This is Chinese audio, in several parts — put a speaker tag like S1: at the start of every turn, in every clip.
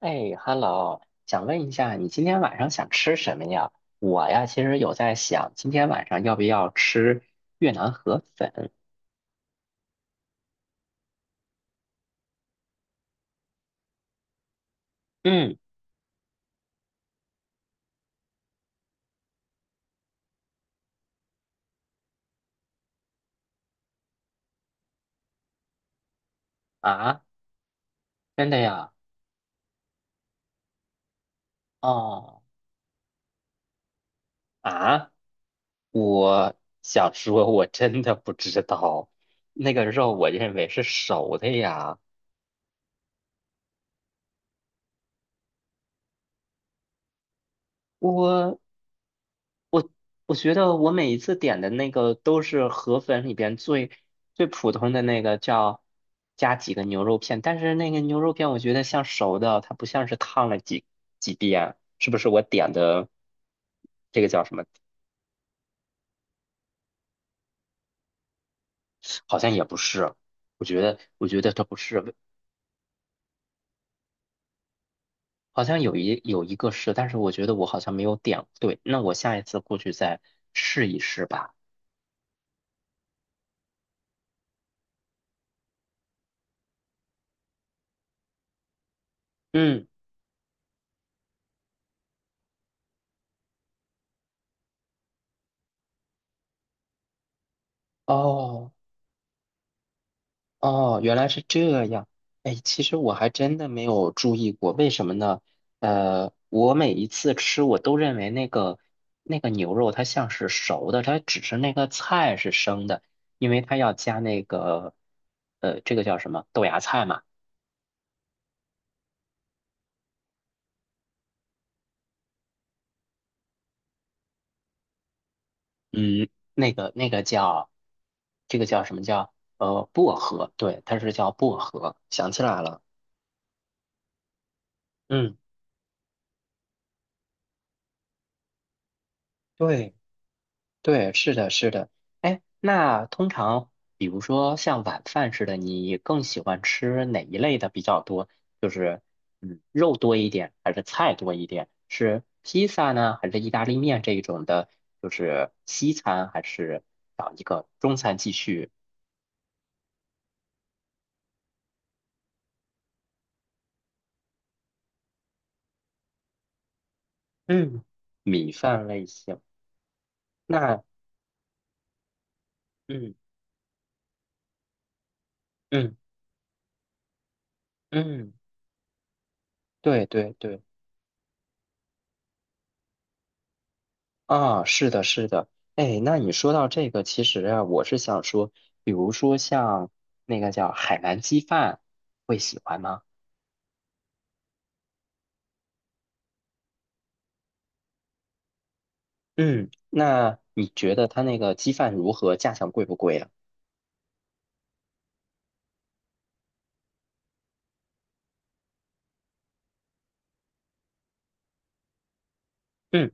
S1: 哎，Hello，想问一下，你今天晚上想吃什么呀？我呀，其实有在想，今天晚上要不要吃越南河粉？嗯，啊，真的呀？哦，啊，我想说，我真的不知道，那个肉我认为是熟的呀。我。我觉得我每一次点的那个都是河粉里边最普通的那个叫加几个牛肉片，但是那个牛肉片我觉得像熟的，它不像是烫了几遍，是不是我点的这个叫什么？好像也不是，我觉得它不是，好像有一个是，但是我觉得我好像没有点对，那我下一次过去再试一试吧。嗯，哦。哦，原来是这样。哎，其实我还真的没有注意过，为什么呢？我每一次吃，我都认为那个牛肉它像是熟的，它只是那个菜是生的，因为它要加那个这个叫什么豆芽菜嘛？嗯，那个那个叫这个叫什么叫呃薄荷？对，它是叫薄荷。想起来了，嗯，对。对，是的，是的。哎，那通常，比如说像晚饭似的，你更喜欢吃哪一类的比较多？就是，嗯，肉多一点，还是菜多一点？是披萨呢，还是意大利面这一种的？就是西餐，还是找一个中餐继续？嗯，米饭类型。那，嗯嗯嗯，对对对。啊，是的，是的，哎，那你说到这个，其实啊，我是想说，比如说像那个叫海南鸡饭，会喜欢吗？嗯，那你觉得它那个鸡饭如何？价钱贵不贵啊？嗯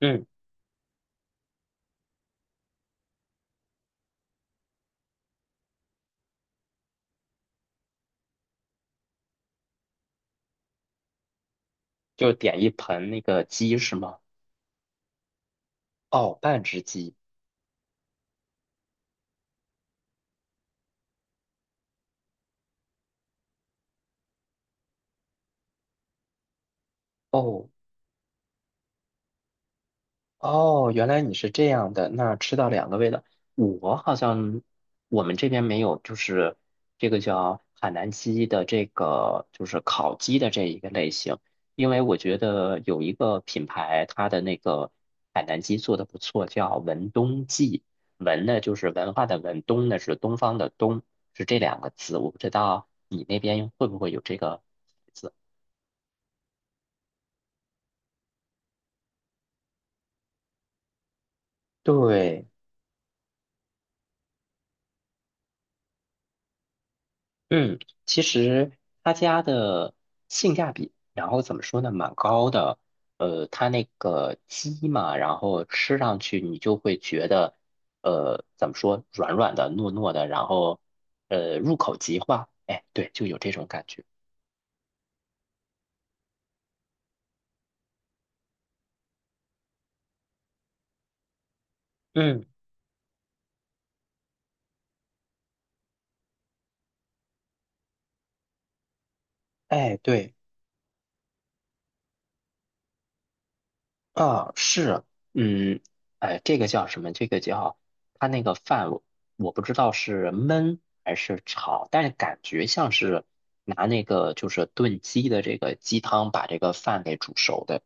S1: 嗯，就点一盆那个鸡是吗？哦，半只鸡。哦，哦，原来你是这样的，那吃到两个味道，我好像我们这边没有，就是这个叫海南鸡的这个就是烤鸡的这一个类型，因为我觉得有一个品牌，它的那个海南鸡做的不错，叫文东记，文呢就是文化的文，东呢是东方的东，是这两个字，我不知道你那边会不会有这个字。对。嗯，其实他家的性价比，然后怎么说呢，蛮高的。他那个鸡嘛，然后吃上去你就会觉得，怎么说，软软的、糯糯的，然后，入口即化。哎，对，就有这种感觉。嗯，哎，对。啊，是，嗯，哎，这个叫什么？这个叫它那个饭我，我不知道是焖还是炒，但是感觉像是拿那个就是炖鸡的这个鸡汤把这个饭给煮熟的。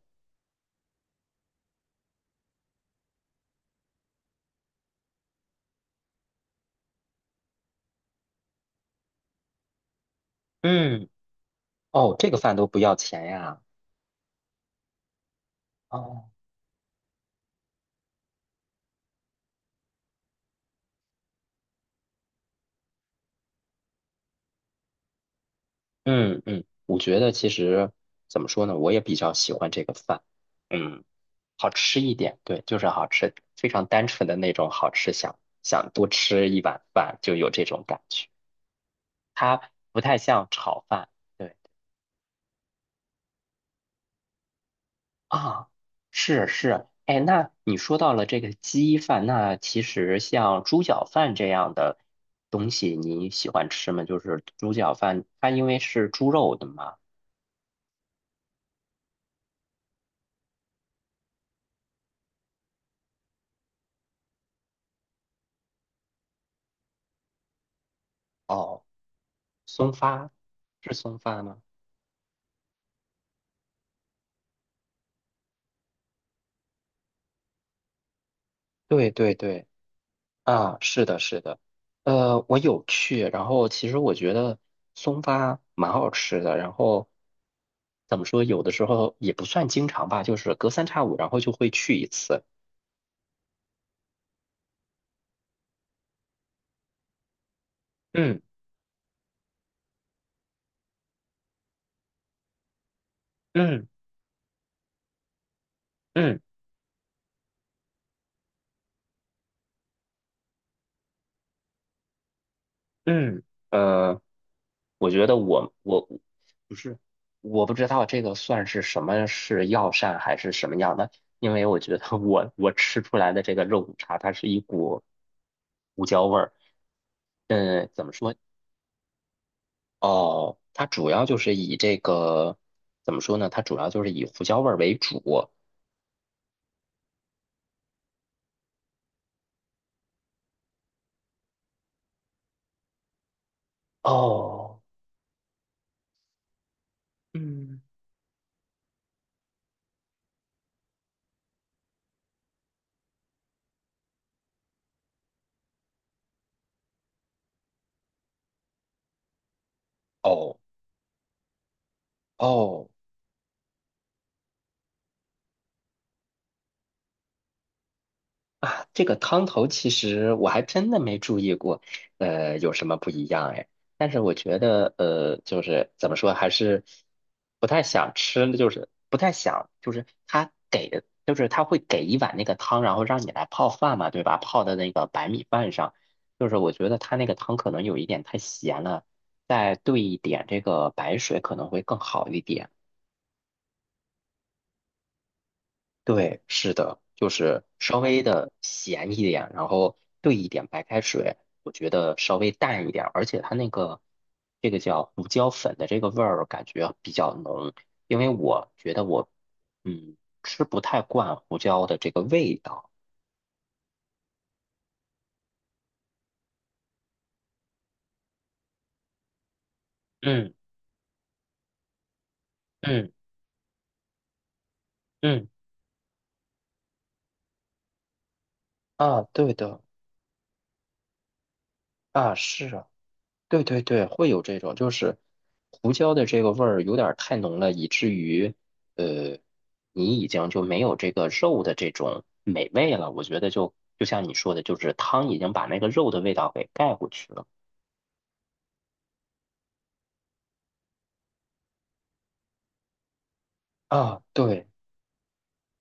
S1: 嗯，哦，这个饭都不要钱呀。哦，嗯嗯，我觉得其实怎么说呢，我也比较喜欢这个饭，嗯，好吃一点，对，就是好吃，非常单纯的那种好吃，想多吃一碗饭就有这种感觉。它不太像炒饭。对啊，是是，哎，那你说到了这个鸡饭，那其实像猪脚饭这样的东西，你喜欢吃吗？就是猪脚饭，它因为是猪肉的嘛。哦，松发，是松发吗？对对对。啊，是的，是的，我有去，然后其实我觉得松发蛮好吃的，然后怎么说，有的时候也不算经常吧，就是隔三差五，然后就会去一次。嗯嗯嗯嗯，呃，我觉得我不是，我不知道这个算是什么是药膳还是什么样的，因为我觉得我吃出来的这个肉骨茶，它是一股胡椒味儿。嗯，怎么说？哦，它主要就是以这个，怎么说呢？它主要就是以胡椒味儿为主。哦，嗯，哦，哦，啊，这个汤头其实我还真的没注意过，有什么不一样哎？但是我觉得，就是怎么说，还是不太想吃，就是不太想，就是他给的，就是他会给一碗那个汤，然后让你来泡饭嘛，对吧？泡的那个白米饭上，就是我觉得他那个汤可能有一点太咸了，再兑一点这个白水可能会更好一点。对，是的，就是稍微的咸一点，然后兑一点白开水，我觉得稍微淡一点，而且它那个这个叫胡椒粉的这个味儿感觉比较浓，因为我觉得我嗯吃不太惯胡椒的这个味道。嗯嗯嗯，啊，对的，啊是啊。对对对，会有这种，就是胡椒的这个味儿有点儿太浓了，以至于呃，你已经就没有这个肉的这种美味了。我觉得就就像你说的，就是汤已经把那个肉的味道给盖过去了。啊，对，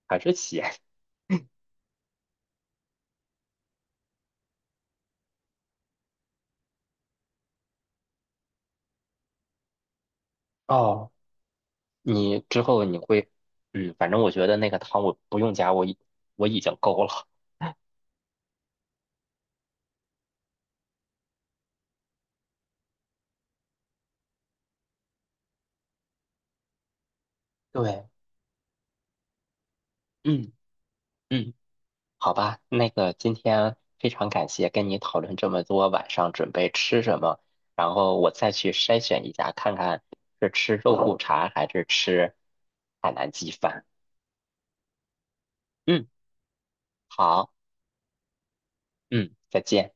S1: 还是咸。哦，你之后你会，嗯，反正我觉得那个汤我不用加，我已经够了。对，嗯嗯。好吧，那个今天非常感谢跟你讨论这么多，晚上准备吃什么，然后我再去筛选一下，看看是吃肉骨茶还是吃海南鸡饭。嗯，好，嗯，再见。